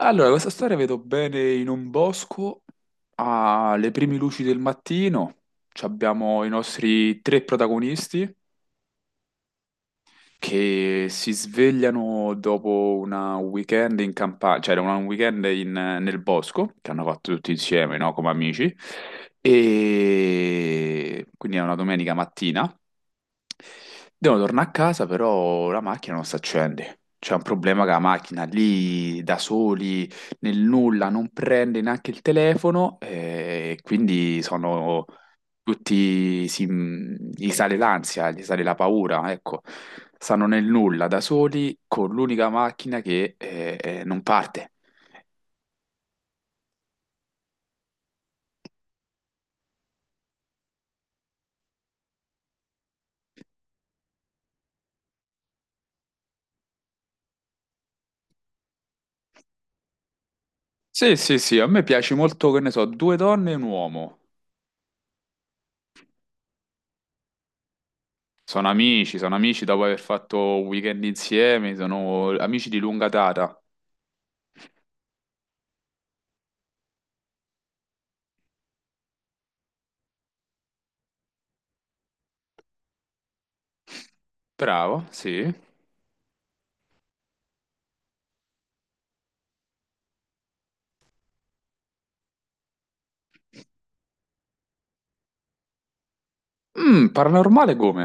Allora, questa storia vedo bene in un bosco, alle prime luci del mattino, ci abbiamo i nostri tre protagonisti che si svegliano dopo un weekend in campagna, cioè un weekend nel bosco, che hanno fatto tutti insieme, no? Come amici, e quindi è una domenica mattina. Devo tornare a casa, però la macchina non si accende. C'è un problema che la macchina lì da soli, nel nulla, non prende neanche il telefono e quindi sono tutti, si, gli sale l'ansia, gli sale la paura, ecco. Stanno nel nulla da soli con l'unica macchina che non parte. Sì, sì, sì, a me piace molto, che ne so, due donne e un uomo. Sono amici dopo aver fatto un weekend insieme, sono amici di lunga data. Bravo, sì. Mm, paranormale come?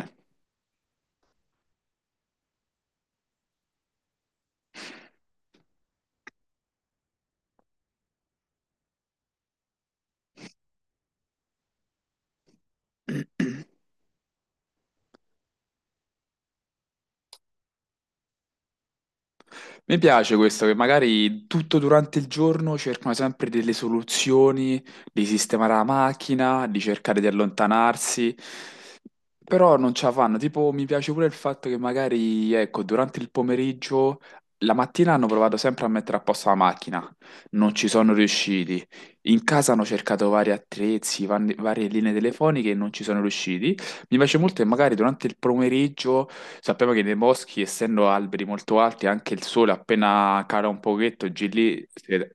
Mi piace questo che magari tutto durante il giorno cercano sempre delle soluzioni, di sistemare la macchina, di cercare di allontanarsi. Però non ce la fanno, tipo mi piace pure il fatto che magari, ecco, durante il pomeriggio, la mattina hanno provato sempre a mettere a posto la macchina, non ci sono riusciti, in casa hanno cercato vari attrezzi, varie linee telefoniche e non ci sono riusciti. Mi piace molto che magari durante il pomeriggio, sappiamo che nei boschi, essendo alberi molto alti, anche il sole appena cala un pochetto, giù lì,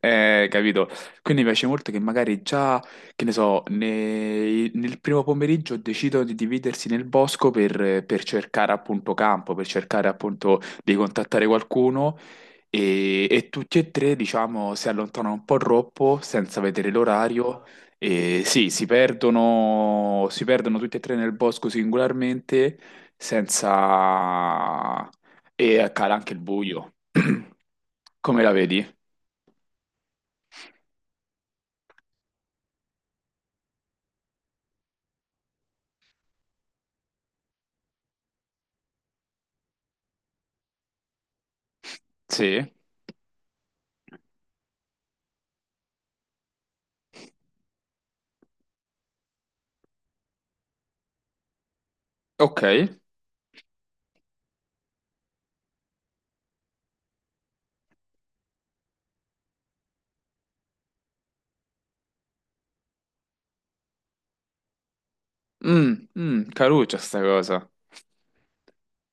capito? Quindi mi piace molto che magari già che ne so, nel primo pomeriggio decidono di dividersi nel bosco per cercare appunto campo, per cercare appunto di contattare qualcuno e tutti e tre, diciamo, si allontanano un po' troppo senza vedere l'orario e sì, si perdono tutti e tre nel bosco singolarmente senza... e cala anche il buio. Come la vedi? Sì, ok. Mm, mm, caruccia sta cosa.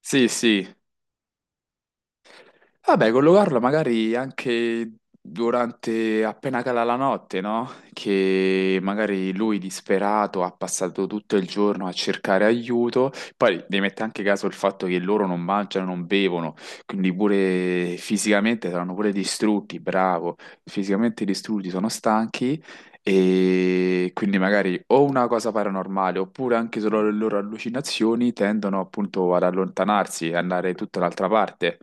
Sì, sì, vabbè, collocarlo magari anche durante, appena cala la notte, no? Che magari lui disperato ha passato tutto il giorno a cercare aiuto. Poi devi mettere anche caso il fatto che loro non mangiano, non bevono, quindi pure fisicamente saranno pure distrutti, bravo, fisicamente distrutti, sono stanchi. E quindi magari o una cosa paranormale oppure anche solo le loro allucinazioni tendono appunto ad allontanarsi e andare tutta un'altra parte.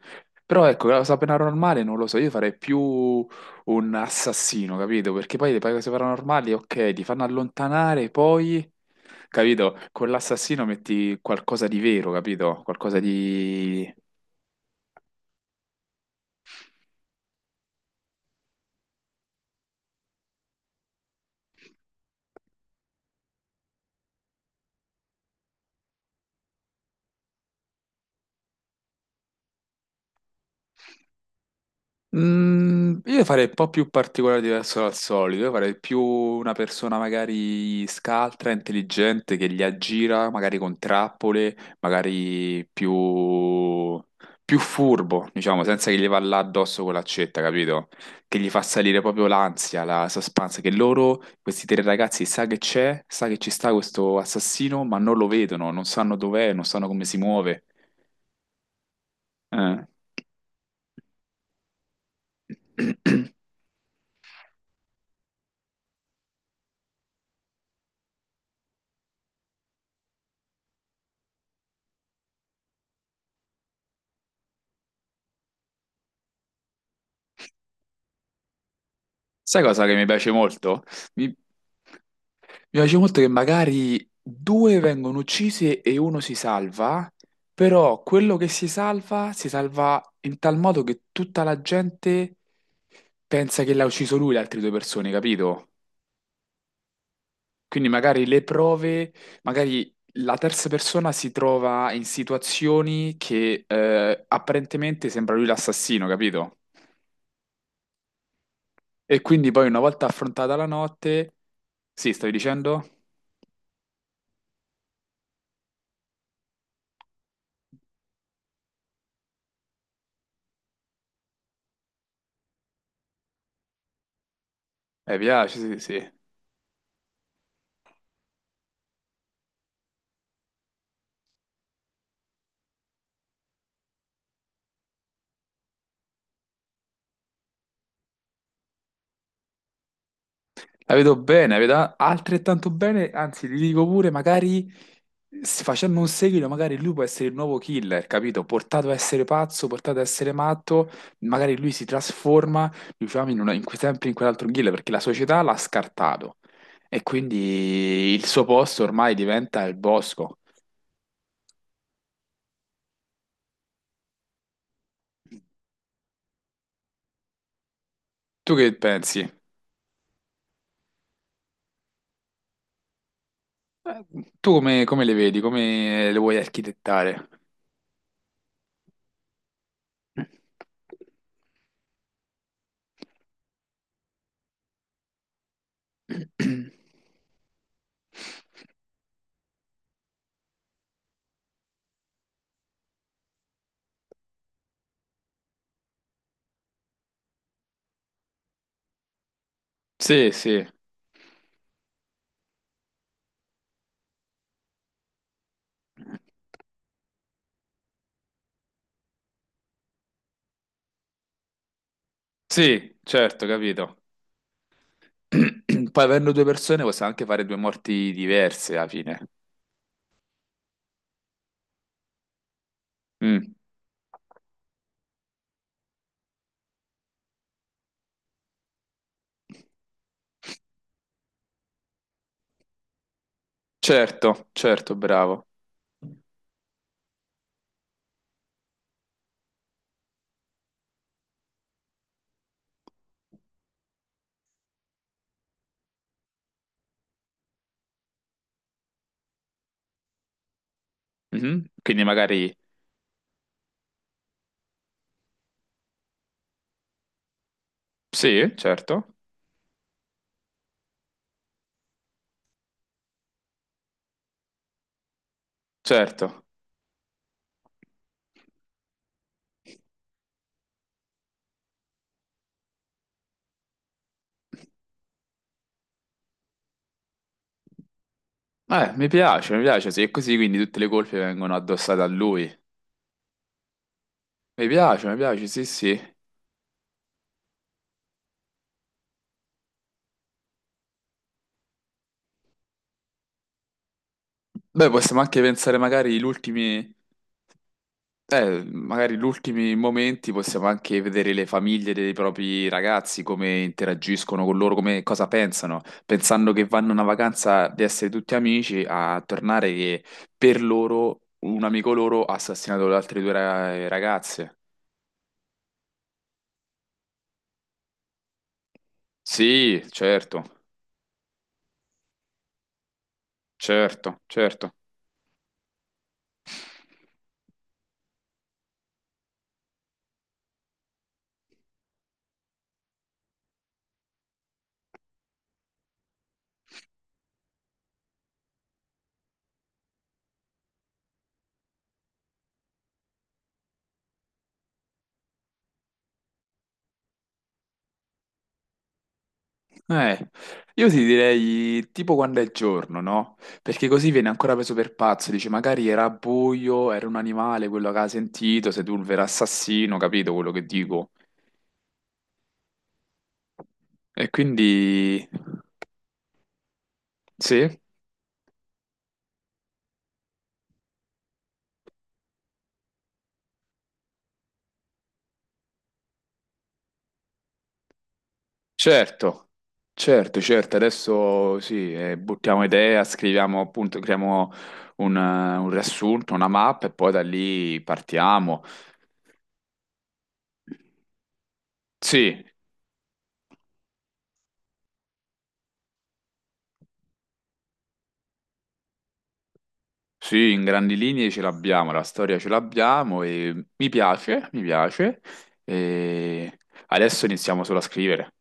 Però ecco, la cosa paranormale non lo so, io farei più un assassino, capito? Perché poi le cose paranormali, ok, ti fanno allontanare, poi, capito? Con l'assassino metti qualcosa di vero, capito? Qualcosa di... Mm, io farei un po' più particolare diverso dal solito, io farei più una persona magari scaltra, intelligente, che li aggira, magari con trappole, magari più, più furbo, diciamo, senza che gli va là addosso con l'accetta, capito? Che gli fa salire proprio l'ansia, la suspense, che loro, questi tre ragazzi, sa che c'è, sa che ci sta questo assassino, ma non lo vedono, non sanno dov'è, non sanno come si muove. Eh. Sai cosa che mi piace molto? Mi piace molto che magari due vengono uccisi e uno si salva, però quello che si salva in tal modo che tutta la gente pensa che l'ha ucciso lui, le altre due persone, capito? Quindi magari le prove, magari la terza persona si trova in situazioni che apparentemente sembra lui l'assassino, capito? E quindi poi una volta affrontata la notte... Sì, stavi dicendo? Mi piace, sì, sì. La vedo bene, la vedo altrettanto bene, anzi, ti dico pure, magari facendo un seguito, magari lui può essere il nuovo killer, capito? Portato a essere pazzo, portato a essere matto, magari lui si trasforma, diciamo, in sempre in quell'altro killer, perché la società l'ha scartato. E quindi il suo posto ormai diventa il bosco. Tu che pensi? Eh, Tu come le vedi? Come le vuoi architettare? Sì, sì, sì, certo, capito. Poi avendo due persone possiamo anche fare due morti diverse alla fine. Mm, certo, certo, bravo. Mhm, quindi magari sì, certo, certo. Mi piace, sì, è così quindi tutte le colpe vengono addossate a lui. Mi piace, sì, sì. Beh, possiamo anche pensare magari gli ultimi. Magari gli ultimi momenti possiamo anche vedere le famiglie dei propri ragazzi, come interagiscono con loro, come, cosa pensano, pensando che vanno a una vacanza di essere tutti amici, a tornare che per loro un amico loro ha assassinato le altre due ragazze. Sì, certo, certo, certo. Eh, io ti direi tipo quando è giorno, no? Perché così viene ancora preso per pazzo, dice magari era buio, era un animale, quello che ha sentito, Sedulvero assassino, capito quello che dico? E quindi sì, certo, certo, certo, adesso sì, buttiamo idea, scriviamo appunto, creiamo un riassunto, una mappa e poi da lì partiamo. Sì, sì, in grandi linee ce l'abbiamo, la storia ce l'abbiamo e mi piace, mi piace. E adesso iniziamo solo a scrivere.